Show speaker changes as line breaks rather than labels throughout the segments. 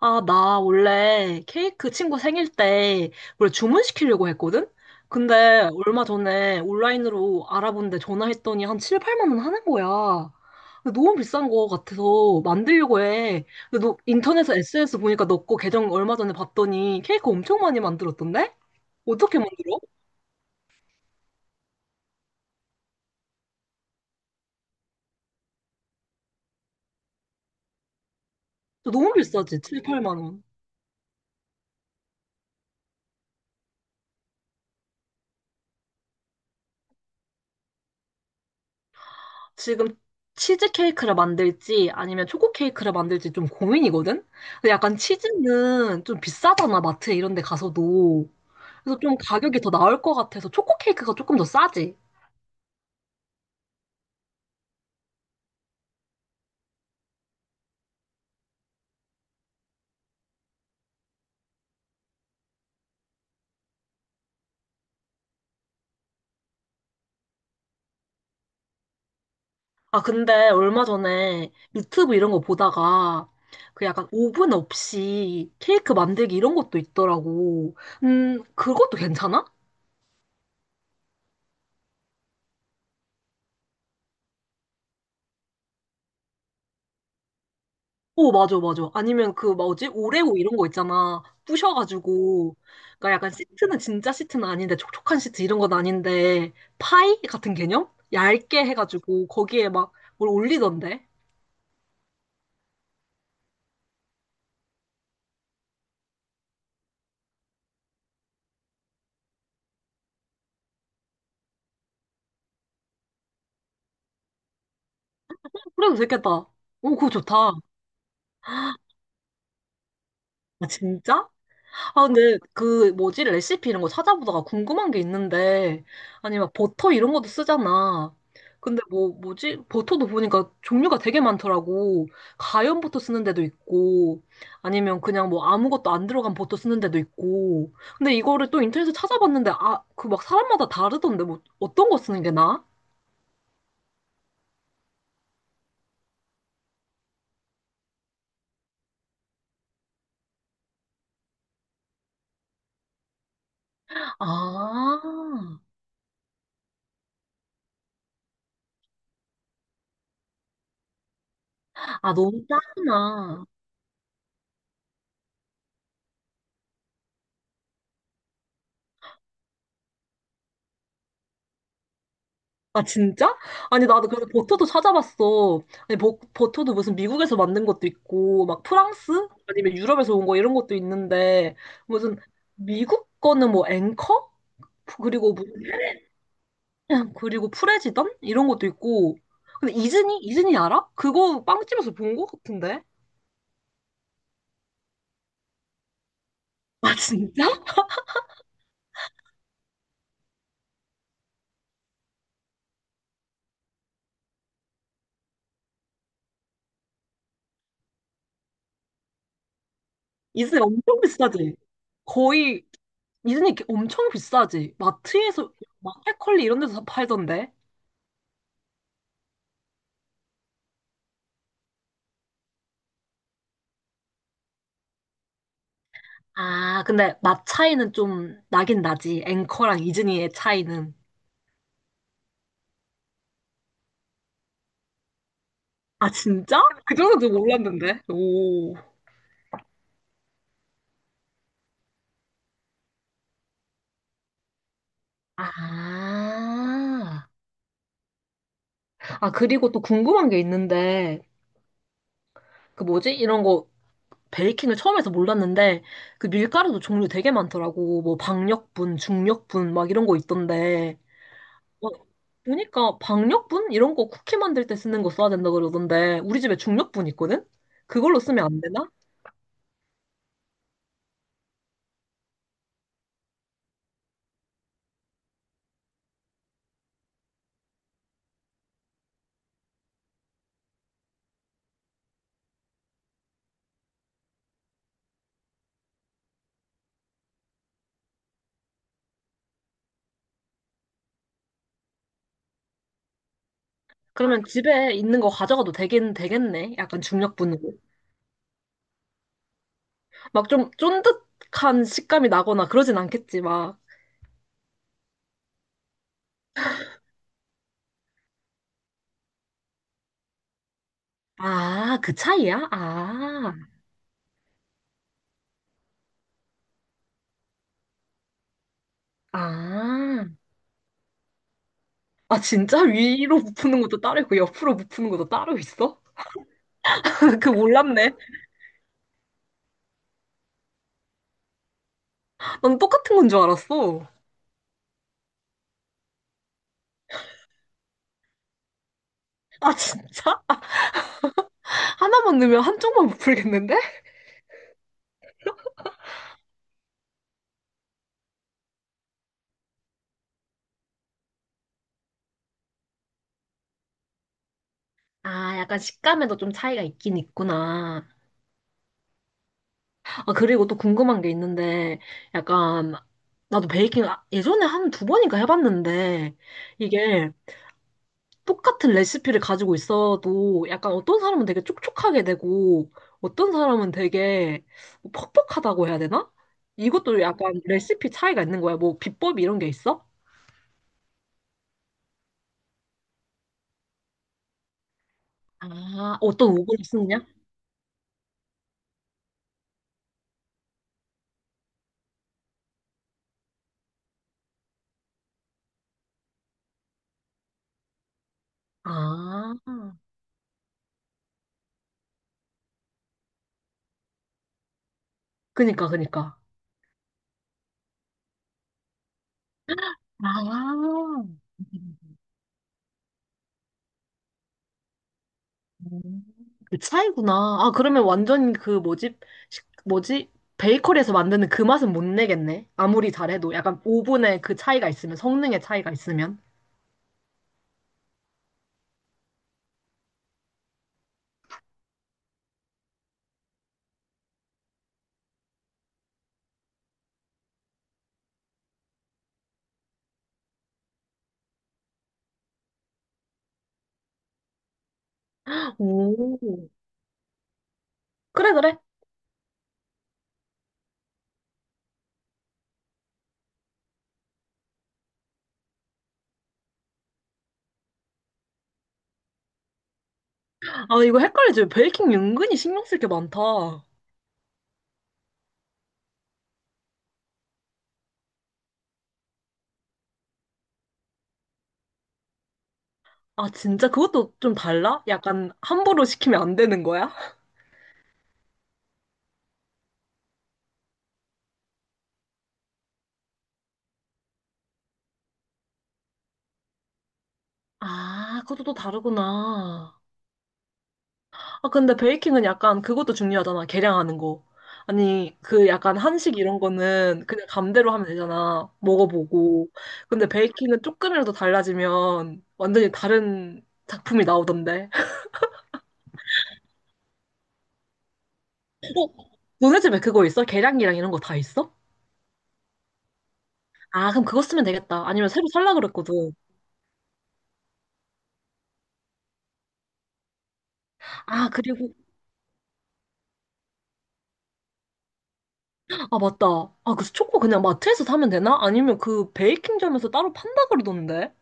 아, 나 원래 케이크 친구 생일 때 원래 주문시키려고 했거든? 근데 얼마 전에 온라인으로 알아본데 전화했더니 한 7, 8만 원 하는 거야. 근데 너무 비싼 거 같아서 만들려고 해. 근데 너 인터넷에 SNS 보니까 너 거 계정 얼마 전에 봤더니 케이크 엄청 많이 만들었던데? 어떻게 만들어? 너무 비싸지, 7, 8만 원. 지금 치즈 케이크를 만들지 아니면 초코 케이크를 만들지 좀 고민이거든? 근데 약간 치즈는 좀 비싸잖아, 마트 이런 데 가서도. 그래서 좀 가격이 더 나을 것 같아서 초코 케이크가 조금 더 싸지. 아, 근데 얼마 전에 유튜브 이런 거 보다가 그 약간 오븐 없이 케이크 만들기 이런 것도 있더라고. 그것도 괜찮아? 오, 맞아, 맞아. 아니면 그, 뭐지? 오레오 이런 거 있잖아. 부셔가지고. 그러니까 약간 시트는 진짜 시트는 아닌데, 촉촉한 시트 이런 건 아닌데, 파이 같은 개념? 얇게 해가지고, 거기에 막 뭘 올리던데? 그래도 되겠다. 오, 그거 좋다. 아, 진짜? 아, 근데 그 뭐지? 레시피 이런 거 찾아보다가 궁금한 게 있는데, 아니, 막 버터 이런 것도 쓰잖아. 근데 뭐, 뭐지? 버터도 보니까 종류가 되게 많더라고. 가염 버터 쓰는 데도 있고, 아니면 그냥 뭐 아무것도 안 들어간 버터 쓰는 데도 있고. 근데 이거를 또 인터넷에 찾아봤는데, 아, 그 막 사람마다 다르던데, 뭐, 어떤 거 쓰는 게 나아? 아, 아, 너무 짜구나. 아, 진짜? 아니, 나도 그래서 버터도 찾아봤어. 아니, 버터도 무슨 미국에서 만든 것도 있고, 막 프랑스? 아니면 유럽에서 온 거 이런 것도 있는데, 무슨 미국 거는 뭐 앵커? 그리고 뭐, 그리고 프레지던? 이런 것도 있고. 근데 이즈니? 이즈니 알아? 그거 빵집에서 본 거 같은데? 아, 진짜? 이즈니 엄청 비싸지? 거의, 이즈니 엄청 비싸지? 마트에서, 마켓컬리 이런 데서 팔던데? 아, 근데 맛 차이는 좀 나긴 나지. 앵커랑 이즈니의 차이는. 아, 진짜? 그 정도는 좀 몰랐는데. 오. 아. 아, 그리고 또 궁금한 게 있는데, 그 뭐지? 이런 거 베이킹을 처음 해서 몰랐는데, 그 밀가루도 종류 되게 많더라고. 뭐 박력분, 중력분 막 이런 거 있던데. 어, 보니까 박력분 이런 거 쿠키 만들 때 쓰는 거 써야 된다 그러던데, 우리 집에 중력분 있거든? 그걸로 쓰면 안 되나? 그러면 집에 있는 거 가져가도 되긴 되겠네. 약간 중력분으로. 막 좀 쫀득한 식감이 나거나 그러진 않겠지, 막. 아, 그 차이야? 아, 아. 아, 진짜? 위로 부푸는 것도 따로 있고, 옆으로 부푸는 것도 따로 있어? 그 몰랐네. 난 똑같은 건 줄 알았어. 아, 진짜? 하나만 넣으면 한쪽만 부풀겠는데? 아, 약간 식감에도 좀 차이가 있긴 있구나. 아, 그리고 또 궁금한 게 있는데, 약간, 나도 베이킹 예전에 한 두 번인가 해봤는데, 이게 똑같은 레시피를 가지고 있어도 약간 어떤 사람은 되게 촉촉하게 되고, 어떤 사람은 되게 뭐 퍽퍽하다고 해야 되나? 이것도 약간 레시피 차이가 있는 거야. 뭐 비법 이런 게 있어? 아, 어떤 오븐을 쓰느냐? 아, 그니까, 그니까. 아, 음, 그 차이구나. 아, 그러면 완전 그 뭐지? 뭐지? 베이커리에서 만드는 그 맛은 못 내겠네. 아무리 잘해도. 약간 오븐의 그 차이가 있으면, 성능의 차이가 있으면. 오. 그래, 그래. 아, 이거 헷갈리지. 베이킹 은근히 신경 쓸 게 많다. 아, 진짜 그것도 좀 달라? 약간 함부로 시키면 안 되는 거야? 아, 그것도 또 다르구나. 아, 근데 베이킹은 약간 그것도 중요하잖아. 계량하는 거. 아니, 그 약간 한식 이런 거는 그냥 감대로 하면 되잖아. 먹어보고. 근데 베이킹은 조금이라도 달라지면 완전히 다른 작품이 나오던데. 너네 집에 그거 있어? 계량기랑 이런 거 다 있어? 아, 그럼 그거 쓰면 되겠다. 아니면 새로 살라 그랬거든. 아, 그리고, 아, 맞다. 아, 그 초코 그냥 마트에서 사면 되나? 아니면 그 베이킹점에서 따로 판다 그러던데?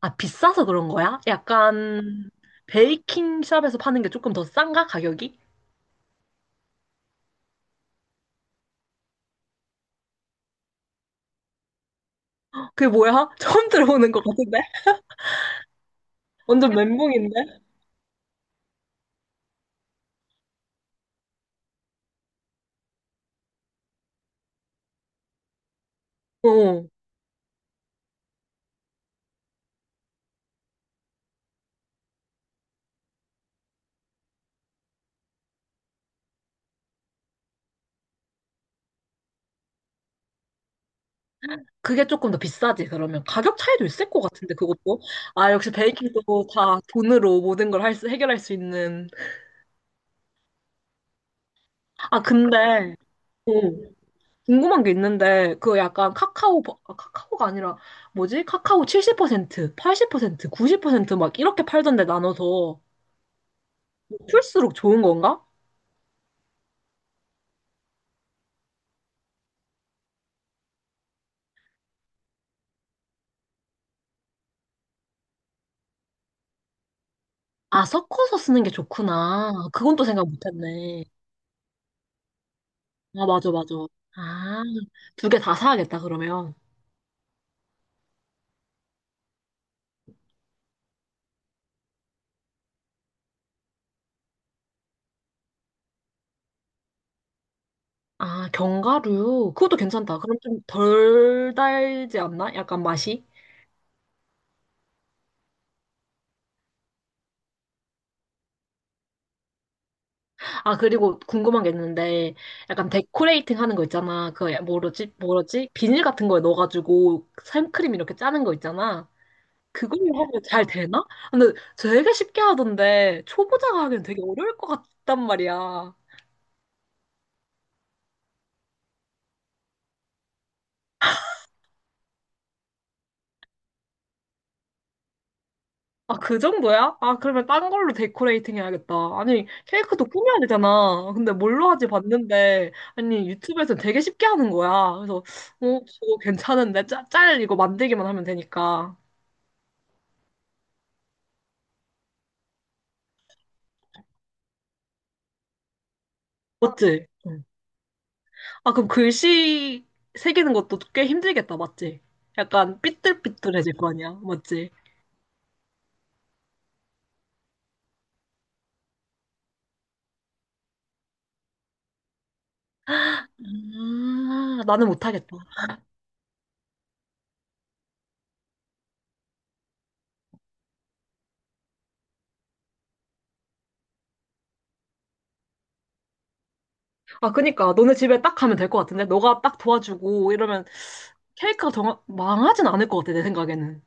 아, 비싸서 그런 거야? 약간 베이킹 샵에서 파는 게 조금 더 싼가? 가격이? 그게 뭐야? 처음 들어보는 것 같은데? 완전 멘붕인데? 어. 그게 조금 더 비싸지, 그러면. 가격 차이도 있을 것 같은데, 그것도. 아, 역시 베이킹도 다 돈으로 모든 걸 할 수, 해결할 수 있는. 아, 근데, 어, 궁금한 게 있는데, 그 약간 카카오, 아, 카카오가 아니라, 뭐지? 카카오 70%, 80%, 90%막 이렇게 팔던데 나눠서, 풀수록 좋은 건가? 아, 섞어서 쓰는 게 좋구나. 그건 또 생각 못 했네. 아, 맞아, 맞아. 아, 두 개 다 사야겠다, 그러면. 아, 견과류. 그것도 괜찮다. 그럼 좀 덜 달지 않나? 약간 맛이? 아, 그리고 궁금한 게 있는데, 약간 데코레이팅 하는 거 있잖아. 그, 뭐지, 뭐지? 비닐 같은 거에 넣어가지고 생크림 이렇게 짜는 거 있잖아. 그걸로 하면 잘 되나? 근데 되게 쉽게 하던데, 초보자가 하기엔 되게 어려울 것 같단 말이야. 아, 그 정도야? 아, 그러면 딴 걸로 데코레이팅 해야겠다. 아니, 케이크도 꾸며야 되잖아. 근데 뭘로 하지 봤는데, 아니, 유튜브에서 되게 쉽게 하는 거야. 그래서, 어, 저거 괜찮은데? 짤 이거 만들기만 하면 되니까. 맞지? 응. 아, 그럼 글씨 새기는 것도 꽤 힘들겠다, 맞지? 약간 삐뚤삐뚤해질 거 아니야, 맞지? 아, 나는 못하겠다. 아, 그니까, 너네 집에 딱 가면 될 것 같은데? 너가 딱 도와주고 이러면 케이크가 망하진 않을 것 같아, 내 생각에는.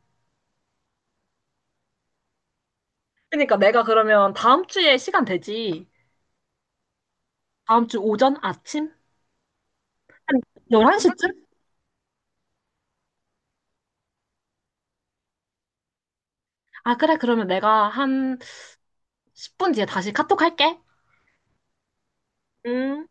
그러니까 내가 그러면 다음 주에 시간 되지? 다음 주 오전 아침? 한 11시쯤? 아, 그래. 그러면 내가 한 10분 뒤에 다시 카톡 할게. 음.